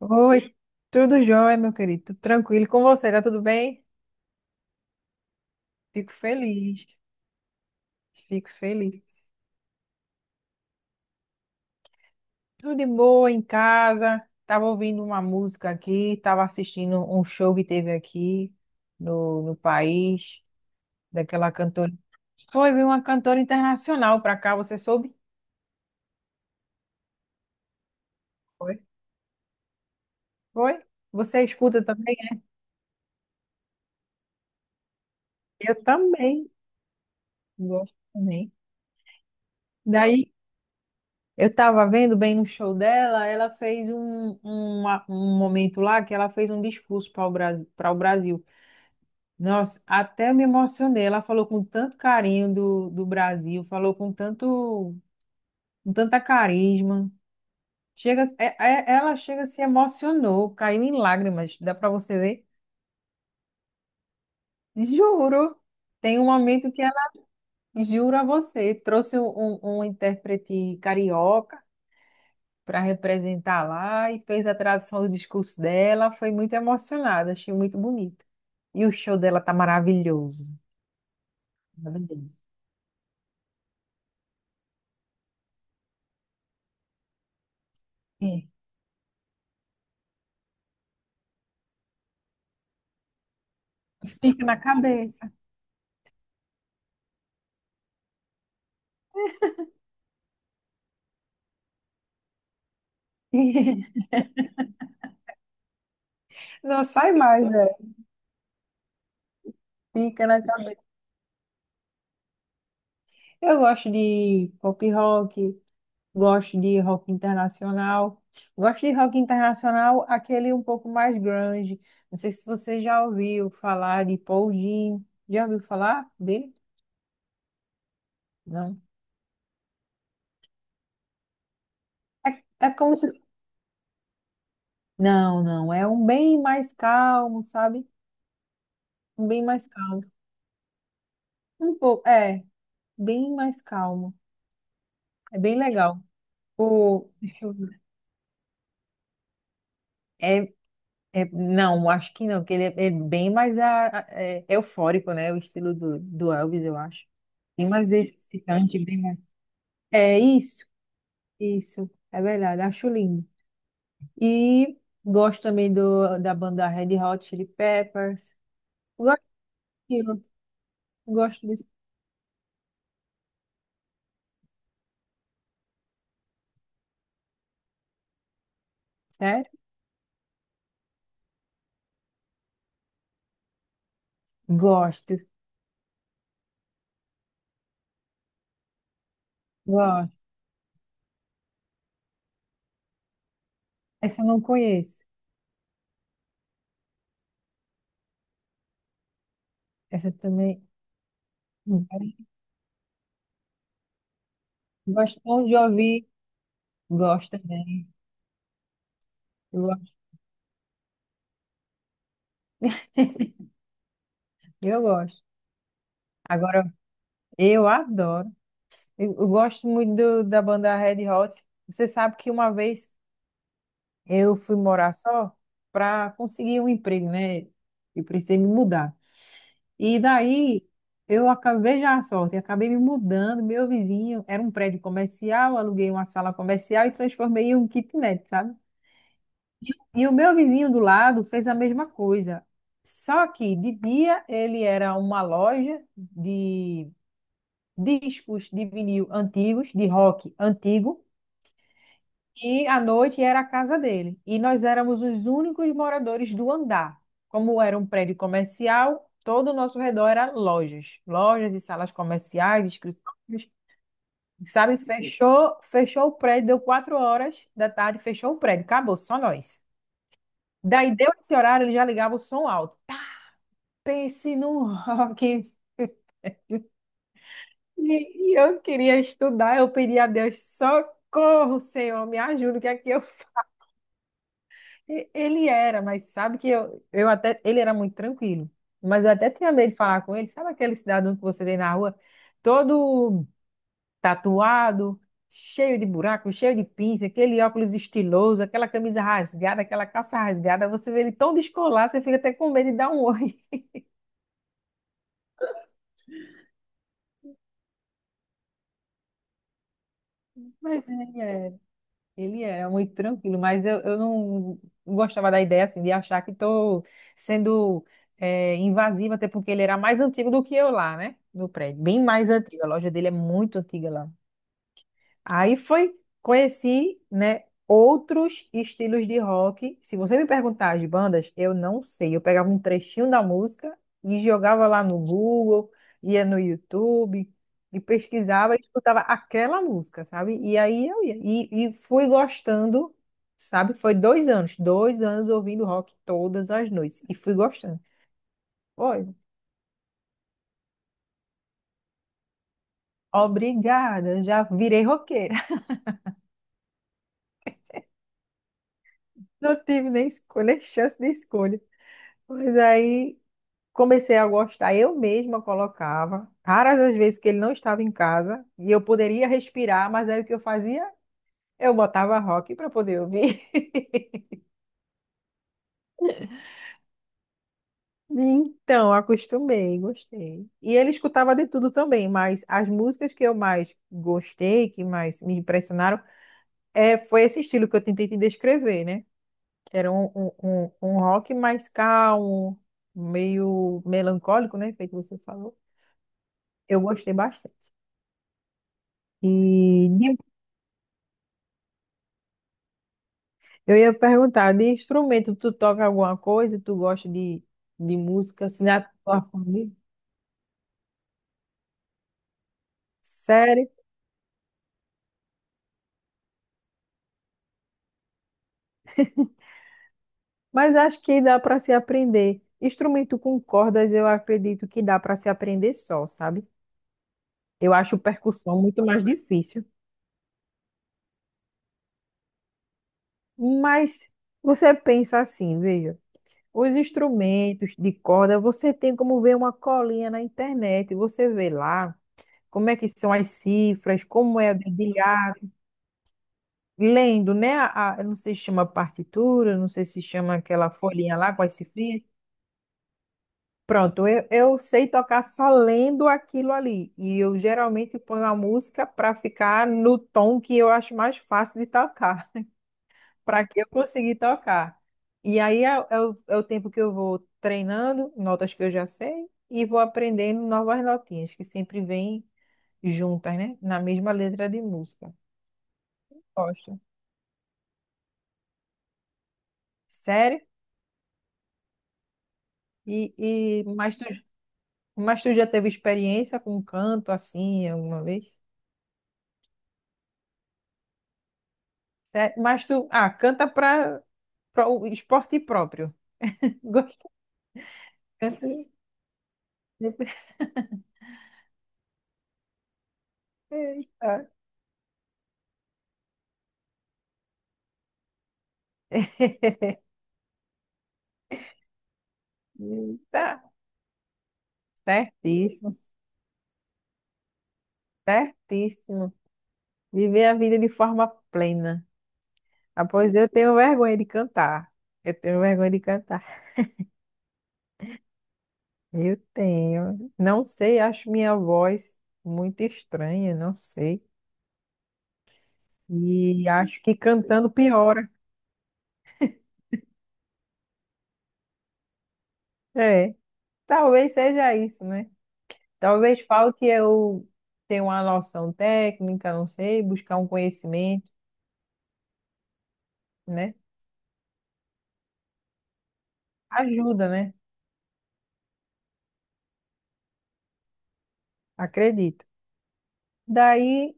Oi, tudo jóia, meu querido? Tudo tranquilo com você, tá tudo bem? Fico feliz, fico feliz. Tudo de boa em casa. Tava ouvindo uma música aqui, tava assistindo um show que teve aqui no país, daquela cantora. Foi, veio uma cantora internacional pra cá, você soube? Foi. Foi? Você escuta também? Eu também. Gosto também. Daí eu tava vendo bem no show dela, ela fez um momento lá que ela fez um discurso para o Brasil, para o Brasil. Nossa, até me emocionei. Ela falou com tanto carinho do Brasil, falou com tanto, com tanta carisma. Chega, ela chega, se emocionou, caiu em lágrimas. Dá para você ver? Juro. Tem um momento que ela jura a você, trouxe um intérprete carioca para representar lá e fez a tradução do discurso dela. Foi muito emocionada, achei muito bonito. E o show dela tá maravilhoso, maravilhoso. É. Fica na cabeça. Não sai mais, né? Fica na cabeça. Eu gosto de pop rock, gosto de rock internacional. Gosto de rock internacional, aquele um pouco mais grunge. Não sei se você já ouviu falar de Paul Jean. Já ouviu falar dele? Não. É como se Não, não, é um bem mais calmo, sabe? Um bem mais calmo. Um pouco, bem mais calmo. É bem legal. O, deixa eu ver. é, não, acho que não, porque ele é bem mais a, eufórico, né? O estilo do Elvis, eu acho. Bem mais excitante, bem mais. É isso, isso, é verdade, acho lindo. E gosto também do, da banda Red Hot Chili Peppers. Gosto daquilo, gosto disso. Sério? Gosto, gosto. Essa eu não conheço. Essa também. Hum. Gostam de ouvir. Gosto também. Eu gosto. Eu gosto. Agora, eu adoro. Eu gosto muito da banda Red Hot. Você sabe que uma vez eu fui morar só para conseguir um emprego, né? E precisei me mudar. E daí eu acabei já a sorte, acabei me mudando. Meu vizinho era um prédio comercial, aluguei uma sala comercial e transformei em um kitnet, sabe? E o meu vizinho do lado fez a mesma coisa. Só que de dia ele era uma loja de discos de vinil antigos, de rock antigo, e à noite era a casa dele. E nós éramos os únicos moradores do andar. Como era um prédio comercial, todo o nosso redor era lojas, lojas e salas comerciais, escritórios. Sabe, fechou, fechou o prédio, deu 16h, fechou o prédio, acabou, só nós. Daí deu esse horário, ele já ligava o som alto. Pense num rock. E e eu queria estudar, eu pedi a Deus, socorro, Senhor, me ajuda, o que é que eu faço? Ele era, mas sabe que eu até, ele era muito tranquilo, mas eu até tinha medo de falar com ele, sabe aquele cidadão que você vê na rua, todo tatuado, cheio de buraco, cheio de pinça, aquele óculos estiloso, aquela camisa rasgada, aquela calça rasgada, você vê ele tão descolado, você fica até com medo de dar um oi. Mas ele é. Ele era muito tranquilo, mas eu não gostava da ideia assim de achar que estou sendo invasiva, até porque ele era mais antigo do que eu lá, né? No prédio, bem mais antigo. A loja dele é muito antiga lá. Aí foi, conheci, né, outros estilos de rock. Se você me perguntar as bandas, eu não sei. Eu pegava um trechinho da música e jogava lá no Google, ia no YouTube e pesquisava e escutava aquela música, sabe? E aí eu ia. E fui gostando, sabe? Foi dois anos, 2 anos ouvindo rock todas as noites. E fui gostando. Foi. Obrigada, já virei roqueira. Não tive nem escolha, chance de escolha. Mas aí comecei a gostar, eu mesma colocava, raras as vezes que ele não estava em casa e eu poderia respirar, mas aí o que eu fazia? Eu botava rock para poder ouvir. Então, acostumei, gostei. E ele escutava de tudo também, mas as músicas que eu mais gostei, que mais me impressionaram, foi esse estilo que eu tentei te descrever, né? Era um rock mais calmo, meio melancólico, né? Feito que você falou. Eu gostei bastante. E de Eu ia perguntar, de instrumento, tu toca alguma coisa? Tu gosta de música, assim, na tua família? Sério? Mas acho que dá para se aprender. Instrumento com cordas, eu acredito que dá para se aprender só, sabe? Eu acho percussão muito mais difícil. Mas você pensa assim, veja, os instrumentos de corda, você tem como ver uma colinha na internet, você vê lá como é que são as cifras, como é o dedilhado, lendo, né? A, eu não sei se chama partitura, não sei se chama aquela folhinha lá com as cifrinhas. Pronto, eu sei tocar só lendo aquilo ali. E eu geralmente ponho a música para ficar no tom que eu acho mais fácil de tocar, para que eu consiga tocar. E aí é, é o tempo que eu vou treinando, notas que eu já sei, e vou aprendendo novas notinhas, que sempre vêm juntas, né? Na mesma letra de música. Gosto. Sério? E, mas tu mas tu já teve experiência com canto assim alguma vez? Mas tu, ah, canta para o esporte próprio. Gosto. Eita, eita. Certíssimo, certíssimo. Viver a vida de forma plena. Ah, pois eu tenho vergonha de cantar. Eu tenho vergonha de cantar. Eu tenho. Não sei, acho minha voz muito estranha, não sei. E acho que cantando piora. É, talvez seja isso, né? Talvez falte eu ter uma noção técnica, não sei, buscar um conhecimento, né? Ajuda, né? Acredito. Daí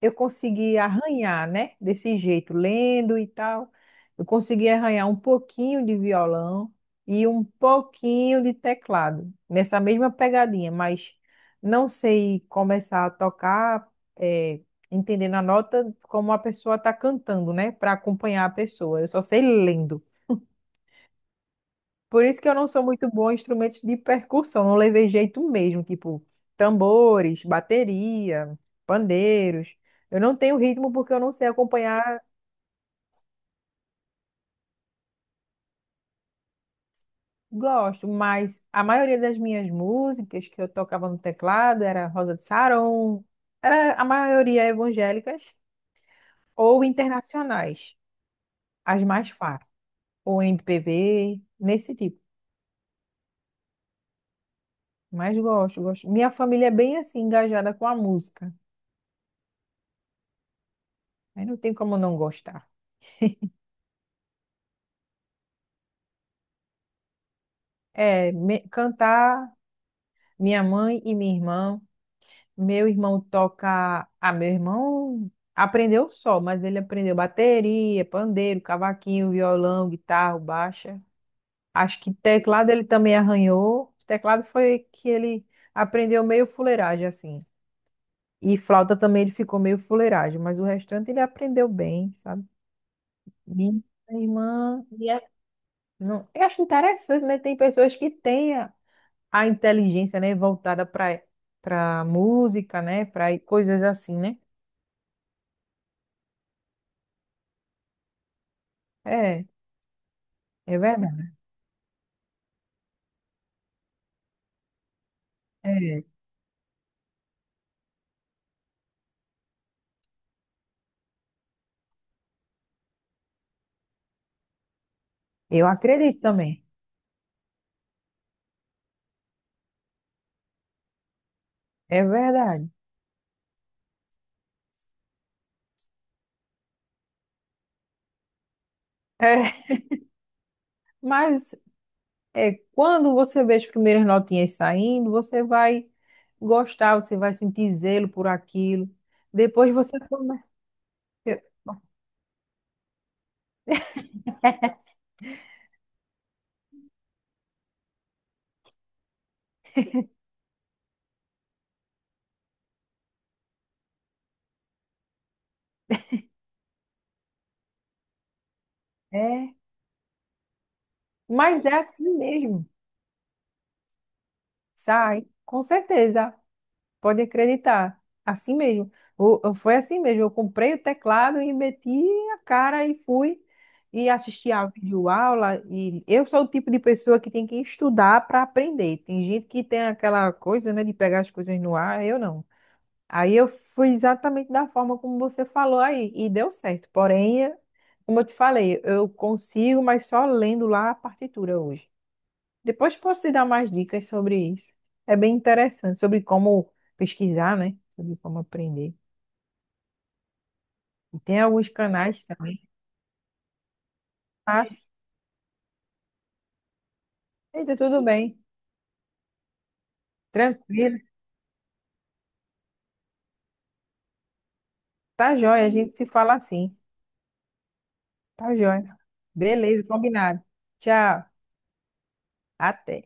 eu consegui arranhar, né? Desse jeito, lendo e tal. Eu consegui arranhar um pouquinho de violão e um pouquinho de teclado, nessa mesma pegadinha, mas não sei começar a tocar, eh, entendendo a nota como a pessoa está cantando, né? Para acompanhar a pessoa. Eu só sei lendo. Por isso que eu não sou muito boa em instrumentos de percussão, não levei jeito mesmo, tipo tambores, bateria, pandeiros. Eu não tenho ritmo porque eu não sei acompanhar, gosto, mas a maioria das minhas músicas que eu tocava no teclado era Rosa de Saron, era a maioria evangélicas ou internacionais, as mais fáceis, ou MPB, nesse tipo. Mas gosto, gosto. Minha família é bem assim engajada com a música. Aí não tem como não gostar. É, cantar minha mãe e minha irmã. Meu irmão toca. Ah, meu irmão aprendeu só, mas ele aprendeu bateria, pandeiro, cavaquinho, violão, guitarra, baixa. Acho que teclado ele também arranhou. Teclado foi que ele aprendeu meio fuleiragem, assim. E flauta também ele ficou meio fuleiragem, mas o restante ele aprendeu bem, sabe? Minha irmã. Não, eu acho interessante, né? Tem pessoas que têm. A inteligência, né, voltada para música, né, para coisas assim, né? É, é verdade. É, eu acredito também. É verdade. É, mas é, quando você vê as primeiras notinhas saindo, você vai gostar, você vai sentir zelo por aquilo. Depois você começa. É, mas é assim mesmo. Sai, com certeza. Pode acreditar. Assim mesmo. Foi assim mesmo. Eu comprei o teclado e meti a cara e fui e assisti a videoaula. E eu sou o tipo de pessoa que tem que estudar para aprender. Tem gente que tem aquela coisa, né, de pegar as coisas no ar. Eu não. Aí eu fui exatamente da forma como você falou aí e deu certo. Porém, como eu te falei, eu consigo, mas só lendo lá a partitura hoje. Depois posso te dar mais dicas sobre isso. É bem interessante, sobre como pesquisar, né? Sobre como aprender. E tem alguns canais também. Ah, eita, tudo bem. Tranquilo. Tá jóia, a gente se fala assim. Tá jóia. Beleza, combinado. Tchau. Até.